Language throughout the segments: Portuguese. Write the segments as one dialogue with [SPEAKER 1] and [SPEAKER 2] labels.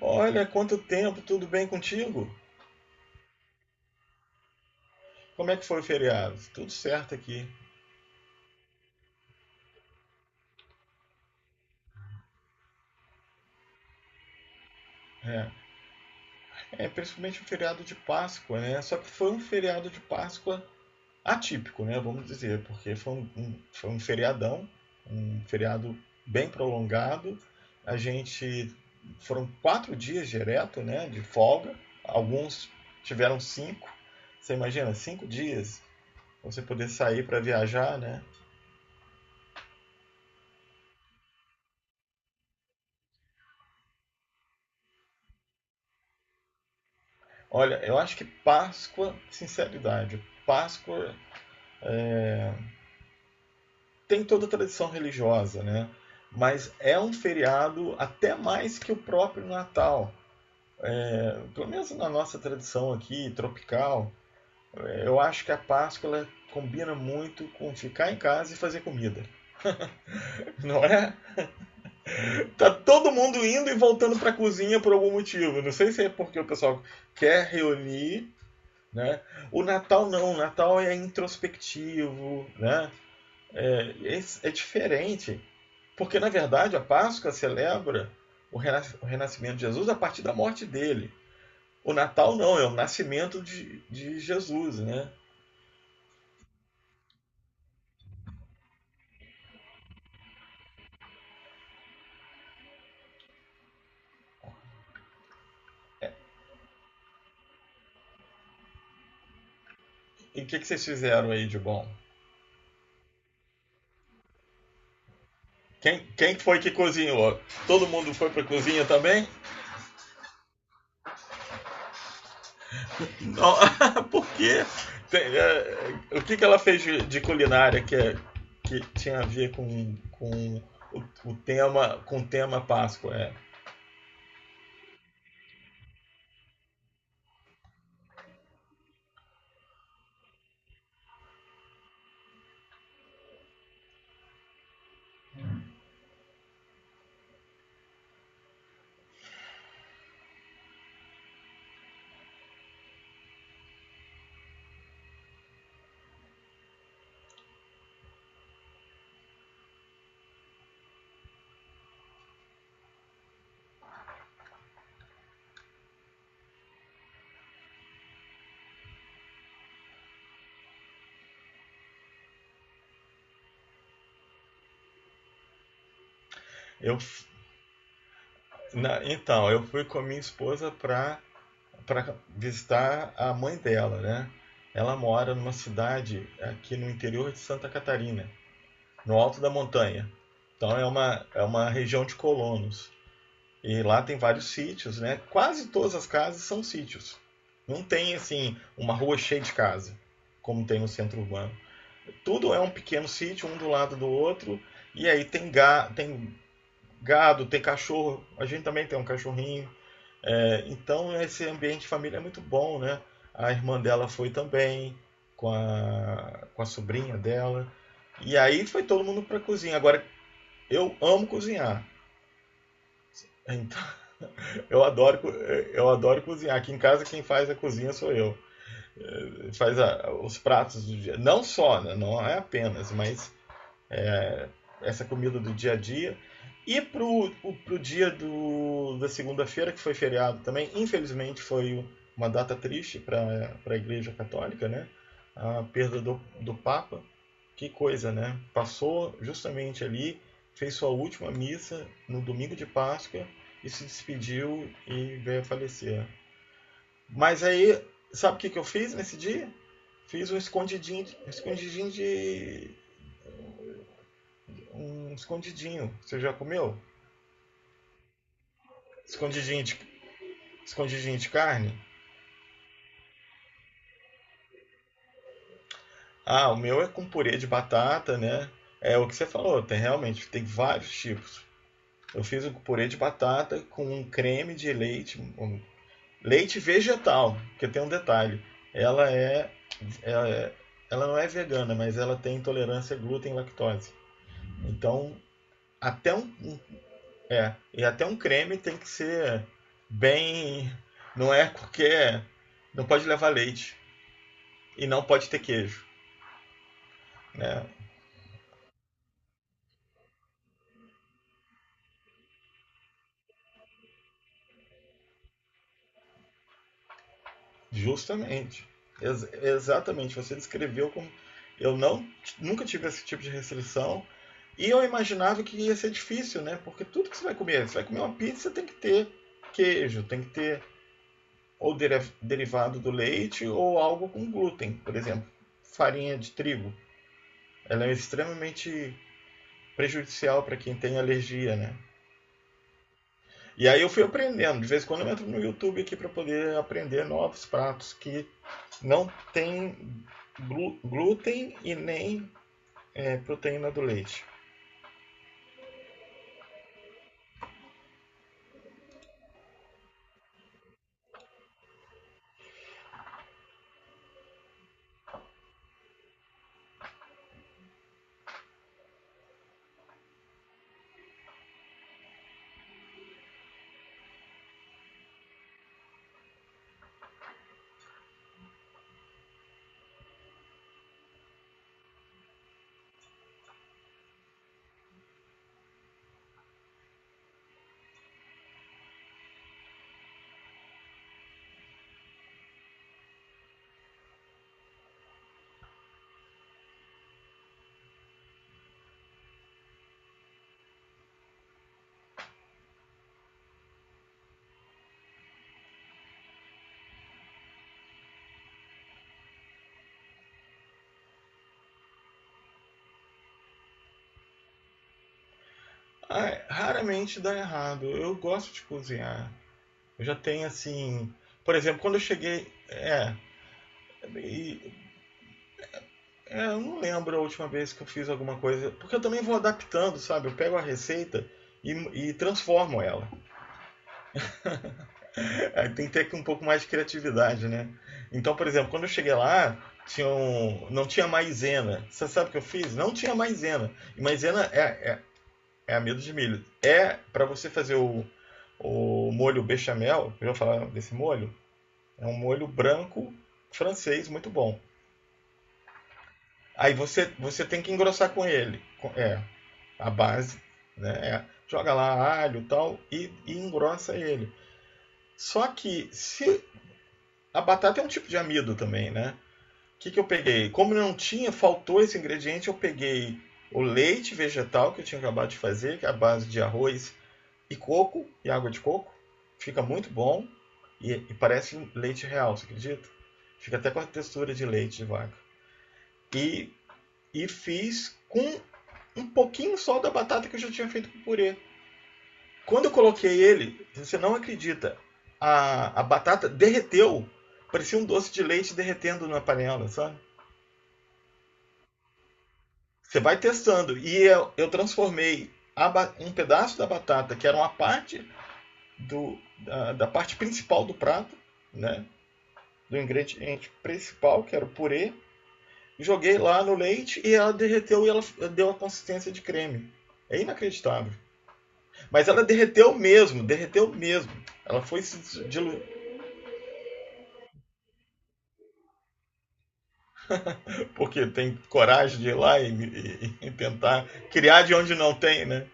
[SPEAKER 1] Olha, quanto tempo, tudo bem contigo? Como é que foi o feriado? Tudo certo aqui. É, é principalmente o feriado de Páscoa, né? Só que foi um feriado de Páscoa atípico, né? Vamos dizer, porque foi um feriadão, um feriado bem prolongado. A gente foram 4 dias direto, né? De folga. Alguns tiveram cinco. Você imagina, 5 dias? Você poder sair para viajar, né? Olha, eu acho que Páscoa, sinceridade, Páscoa tem toda a tradição religiosa, né? Mas é um feriado até mais que o próprio Natal. Pelo menos na nossa tradição aqui, tropical, eu acho que a Páscoa ela combina muito com ficar em casa e fazer comida. Não é? Tá todo mundo indo e voltando para a cozinha por algum motivo. Não sei se é porque o pessoal quer reunir, né? O Natal não, o Natal é introspectivo, né? É, é diferente, porque na verdade a Páscoa celebra o renascimento de Jesus a partir da morte dele. O Natal não, é o nascimento de Jesus, né? E o que, que vocês fizeram aí de bom? Quem foi que cozinhou? Todo mundo foi para a cozinha também? Não, por quê? Tem, é, o que, que ela fez de culinária que tinha a ver com o tema Páscoa? É, eu então, eu fui com a minha esposa para visitar a mãe dela, né? Ela mora numa cidade aqui no interior de Santa Catarina, no alto da montanha. Então é uma região de colonos. E lá tem vários sítios, né? Quase todas as casas são sítios. Não tem, assim, uma rua cheia de casa, como tem no centro urbano. Tudo é um pequeno sítio, um do lado do outro. E aí tem gado, tem cachorro. A gente também tem um cachorrinho, então esse ambiente de família é muito bom, né? A irmã dela foi também, com a sobrinha dela. E aí foi todo mundo pra cozinha. Agora, eu amo cozinhar. Então, eu adoro cozinhar. Aqui em casa quem faz a cozinha sou eu. Os pratos do dia. Não só, né? Não é apenas, mas essa comida do dia a dia. E pro dia da segunda-feira, que foi feriado também, infelizmente foi uma data triste para a Igreja Católica, né? A perda do Papa. Que coisa, né? Passou justamente ali, fez sua última missa no domingo de Páscoa e se despediu e veio a falecer. Mas aí, sabe o que, que eu fiz nesse dia? Fiz um escondidinho de. Um escondidinho. Você já comeu? Escondidinho de, escondidinho de carne? Ah, o meu é com purê de batata, né? É o que você falou, tem realmente, tem vários tipos. Eu fiz um purê de batata com um creme de leite, um leite vegetal, porque tem um detalhe. Ela é, ela é- ela não é vegana, mas ela tem intolerância a glúten e lactose. Então, até um, um- é, e até um creme tem que ser bem, não é porque não pode levar leite e não pode ter queijo. Justamente. Exatamente. Você descreveu como. Eu não, nunca tive esse tipo de restrição. E eu imaginava que ia ser difícil, né? Porque tudo que você vai comer uma pizza, tem que ter queijo, tem que ter ou derivado do leite ou algo com glúten, por exemplo, farinha de trigo. Ela é extremamente prejudicial para quem tem alergia, né? E aí eu fui aprendendo. De vez em quando eu entro no YouTube aqui para poder aprender novos pratos que não tem glúten e nem proteína do leite. Ah, é, raramente dá errado. Eu gosto de cozinhar. Eu já tenho assim. Por exemplo, quando eu cheguei. É. e- eu não lembro a última vez que eu fiz alguma coisa. Porque eu também vou adaptando, sabe? Eu pego a receita e, e transformo ela. Aí tem que ter um pouco mais de criatividade, né? Então, por exemplo, quando eu cheguei lá, não tinha maisena. Você sabe o que eu fiz? Não tinha maisena. E maisena é amido de milho. É para você fazer o molho bechamel, eu já falar desse molho, é um molho branco francês muito bom. Aí você tem que engrossar com ele. A base, né? É, joga lá alho e tal e engrossa ele. Só que se a batata é um tipo de amido também, né? O que, que eu peguei? Como não tinha, faltou esse ingrediente, eu peguei o leite vegetal que eu tinha acabado de fazer, que é a base de arroz e coco e água de coco. Fica muito bom e parece leite real, você acredita? Fica até com a textura de leite de vaca. E, e fiz com um pouquinho só da batata que eu já tinha feito com purê. Quando eu coloquei ele, você não acredita, a batata derreteu. Parecia um doce de leite derretendo na panela, sabe? Você vai testando. E eu transformei um pedaço da batata, que era uma parte da parte principal do prato, né? Do ingrediente principal, que era o purê, joguei lá no leite e ela derreteu e ela deu a consistência de creme. É inacreditável. Mas ela derreteu mesmo, derreteu mesmo. Ela foi se diluir, porque tem coragem de ir lá e tentar criar de onde não tem, né?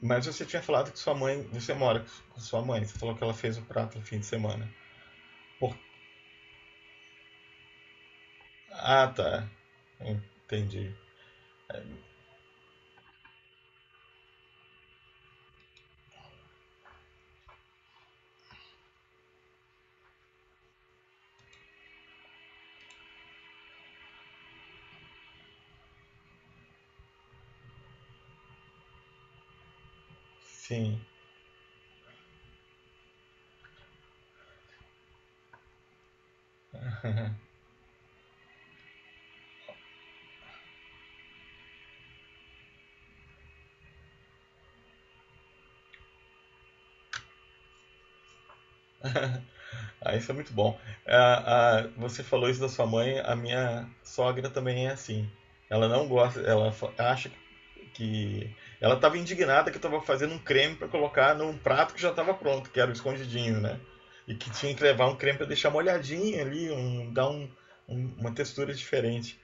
[SPEAKER 1] Mas você tinha falado que sua mãe, você mora com sua mãe, você falou que ela fez o prato no fim de semana. Por... Ah, tá. Entendi. Sim. Ah, isso é muito bom. Ah, ah, você falou isso da sua mãe, a minha sogra também é assim. Ela não gosta, ela acha que. Ela estava indignada que eu estava fazendo um creme para colocar num prato que já estava pronto, que era o escondidinho, né? E que tinha que levar um creme para deixar molhadinho ali, dar uma textura diferente.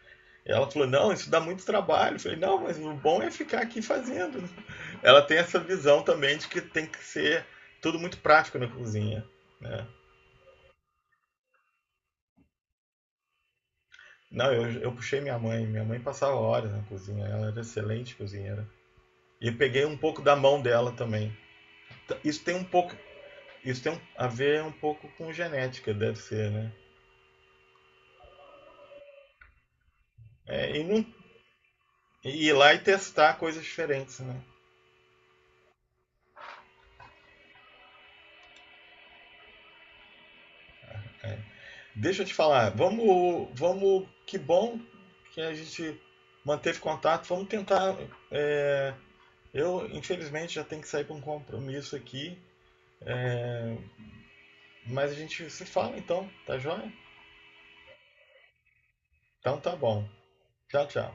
[SPEAKER 1] Ela falou: Não, isso dá muito trabalho. Eu falei: Não, mas o bom é ficar aqui fazendo. Ela tem essa visão também de que tem que ser tudo muito prático na cozinha, né? Não, eu puxei minha mãe. Minha mãe passava horas na cozinha. Ela era excelente cozinheira. E eu peguei um pouco da mão dela também. T- Isso tem um pouco, isso tem a ver um pouco com genética, deve ser, né? É, e, não, e ir lá e testar coisas diferentes, né? Deixa eu te falar. Vamos, vamos. Que bom que a gente manteve contato. Vamos tentar. é, eu infelizmente já tenho que sair para um compromisso aqui, mas a gente se fala então, tá joia? Então tá bom. Tchau, tchau.